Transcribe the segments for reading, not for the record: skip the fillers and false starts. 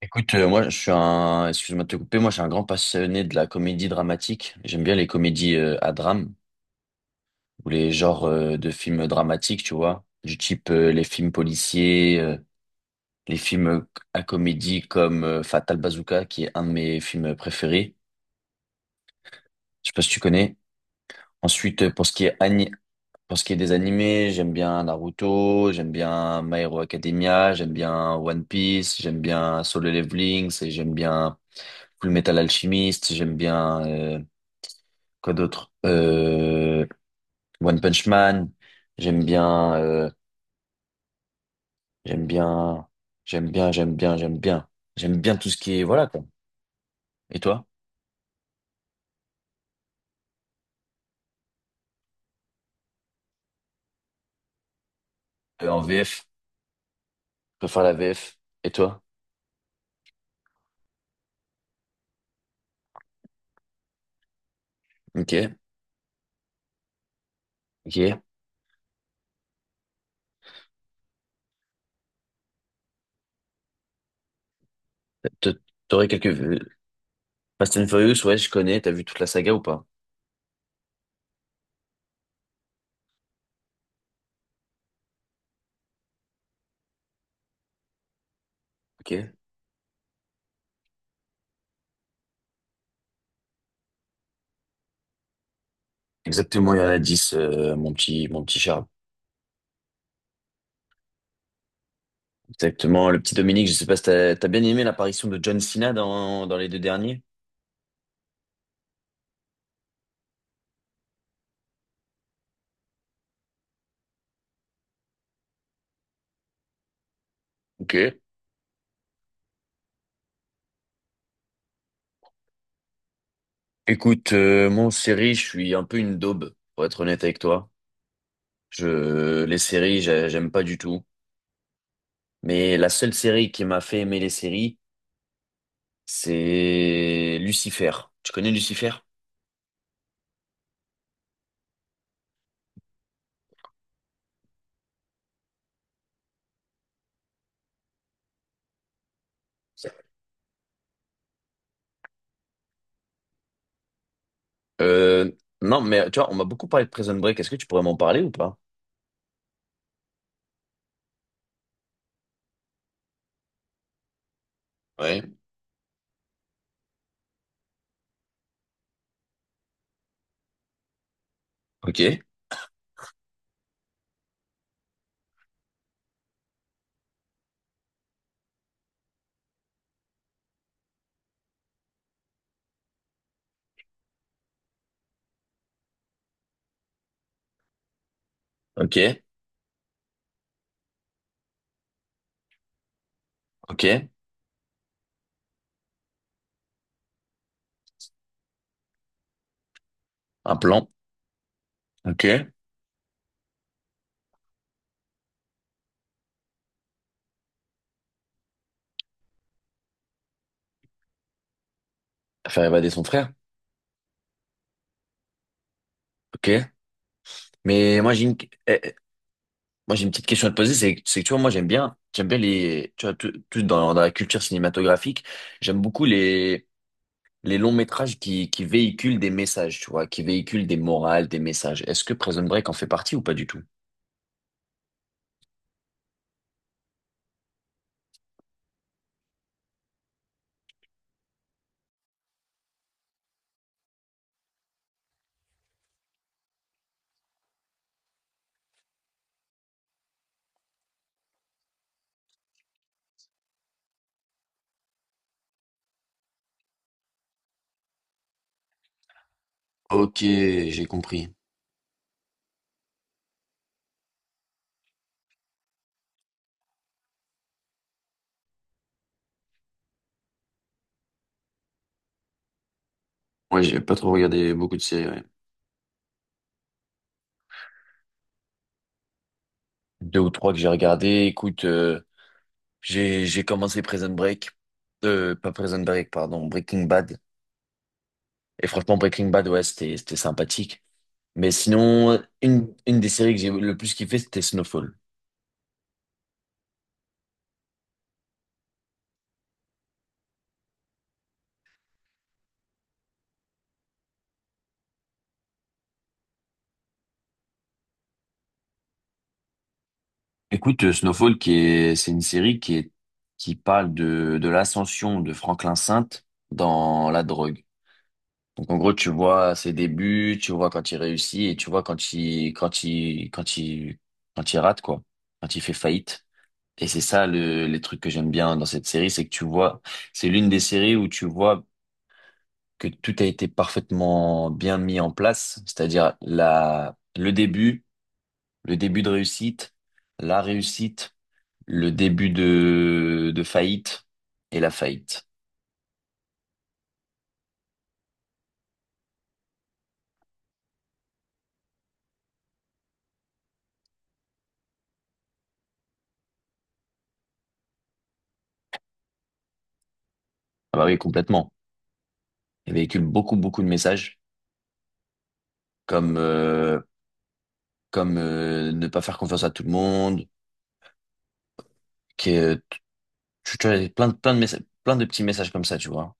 Écoute, moi je suis un, excuse-moi de te couper, moi je suis un grand passionné de la comédie dramatique. J'aime bien les comédies à drame ou les genres de films dramatiques, tu vois, du type les films policiers, les films à comédie comme Fatal Bazooka, qui est un de mes films préférés. Je sais pas si tu connais. Ensuite, pour ce qui est des animés, j'aime bien Naruto, j'aime bien My Hero Academia, j'aime bien One Piece, j'aime bien Solo Leveling, et j'aime bien Full Metal Alchemist, j'aime bien Quoi d'autre? One Punch Man. J'aime bien, j'aime bien, j'aime bien. J'aime bien tout ce qui est, voilà, quoi. Et toi? En VF. Je préfère la VF. Et toi? Ok. Ok. T- T'aurais quelques... Fast and Furious, ouais, je connais. T'as vu toute la saga ou pas? Ok. Exactement, il y en a 10 mon petit Charles. Exactement. Le petit Dominique, je sais pas si t'as bien aimé l'apparition de John Cena dans les deux derniers? Ok. Écoute, moi, en série, je suis un peu une daube, pour être honnête avec toi. Les séries, j'aime pas du tout. Mais la seule série qui m'a fait aimer les séries, c'est Lucifer. Tu connais Lucifer? Euh, non, mais tu vois, on m'a beaucoup parlé de Prison Break. Est-ce que tu pourrais m'en parler ou pas? Ouais. Ok, ok, ok. Un plan. Ok. Faire évader son frère. Ok. Mais moi, j'ai une... eh, Moi, j'ai une petite question à te poser, c'est que tu vois, moi j'aime bien les, tu vois, tout dans la culture cinématographique, j'aime beaucoup les longs métrages qui véhiculent des messages, tu vois, qui véhiculent des morales, des messages. Est-ce que Prison Break en fait partie ou pas du tout? Ok, j'ai compris. Ouais, j'ai pas trop regardé beaucoup de séries. Ouais. Deux ou trois que j'ai regardé. Écoute, j'ai commencé Prison Break, pas Prison Break, pardon, Breaking Bad. Et franchement, Breaking Bad, ouais, c'était sympathique. Mais sinon, une des séries que j'ai le plus kiffé, c'était Snowfall. Écoute, c'est une série qui parle de l'ascension de Franklin Saint dans la drogue. Donc, en gros, tu vois ses débuts, tu vois quand il réussit et tu vois quand quand il rate, quoi. Quand il fait faillite. Et c'est ça le, les trucs que j'aime bien dans cette série, c'est que tu vois, c'est l'une des séries où tu vois que tout a été parfaitement bien mis en place. C'est-à-dire le début de réussite, la réussite, le début de faillite et la faillite. Ah bah oui, complètement. Il véhicule beaucoup, beaucoup de messages comme, comme ne pas faire confiance à tout le monde, que tu as plein de messages, plein de petits messages comme ça, tu vois.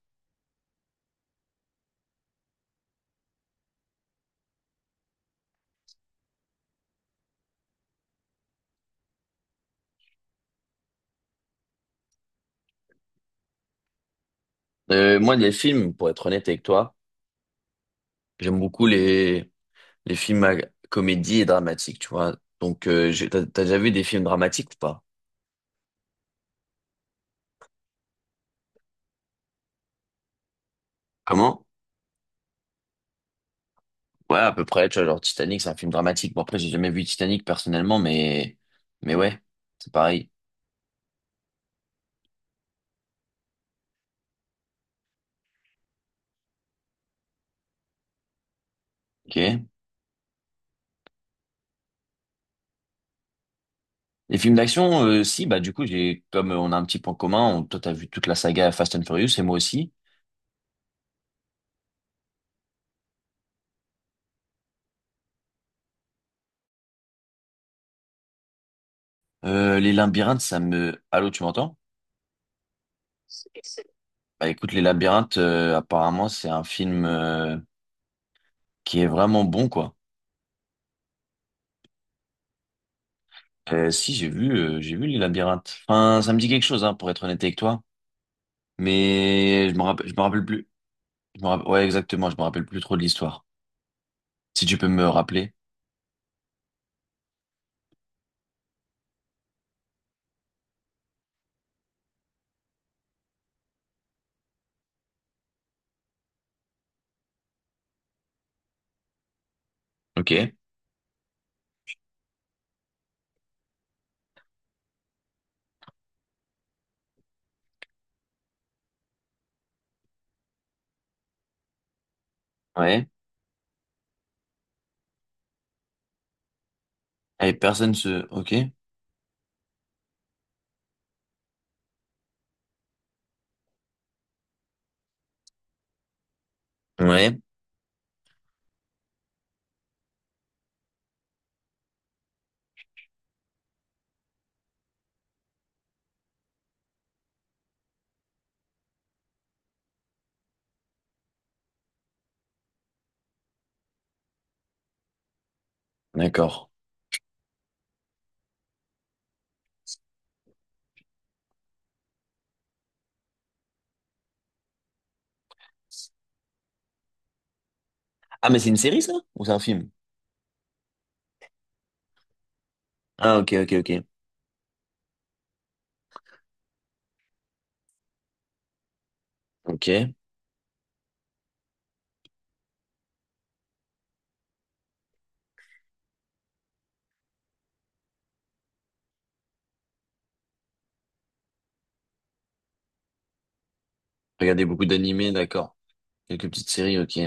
Moi, les films, pour être honnête avec toi, j'aime beaucoup les films à comédie et dramatiques, tu vois. Donc, t'as, t'as déjà vu des films dramatiques ou pas? Comment? Ouais, à peu près, tu vois, genre Titanic, c'est un film dramatique. Bon, après, j'ai jamais vu Titanic personnellement, mais ouais, c'est pareil. Ok. Les films d'action, si, bah, du coup, comme on a un petit point commun, toi, t'as vu toute la saga Fast and Furious et moi aussi. Les labyrinthes, ça me, allô, tu m'entends? Bah, écoute, les labyrinthes, apparemment, c'est un film, qui est vraiment bon, quoi. Si, j'ai vu les labyrinthes. Enfin, ça me dit quelque chose, hein, pour être honnête avec toi. Mais je me rappelle plus. Ouais, exactement, je me rappelle plus trop de l'histoire. Si tu peux me rappeler. Ok, ouais. Et personne se... Ok. Ouais, d'accord. Ah, mais c'est une série, ça? Ou c'est un film? Ah, ok, ok, ok. Ok. Regardez beaucoup d'animés, d'accord. Quelques petites séries, ok.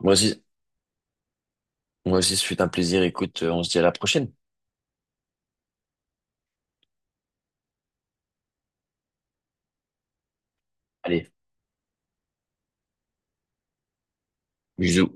Moi aussi, moi aussi, ce fut un plaisir. Écoute, on se dit à la prochaine. Allez, bisous.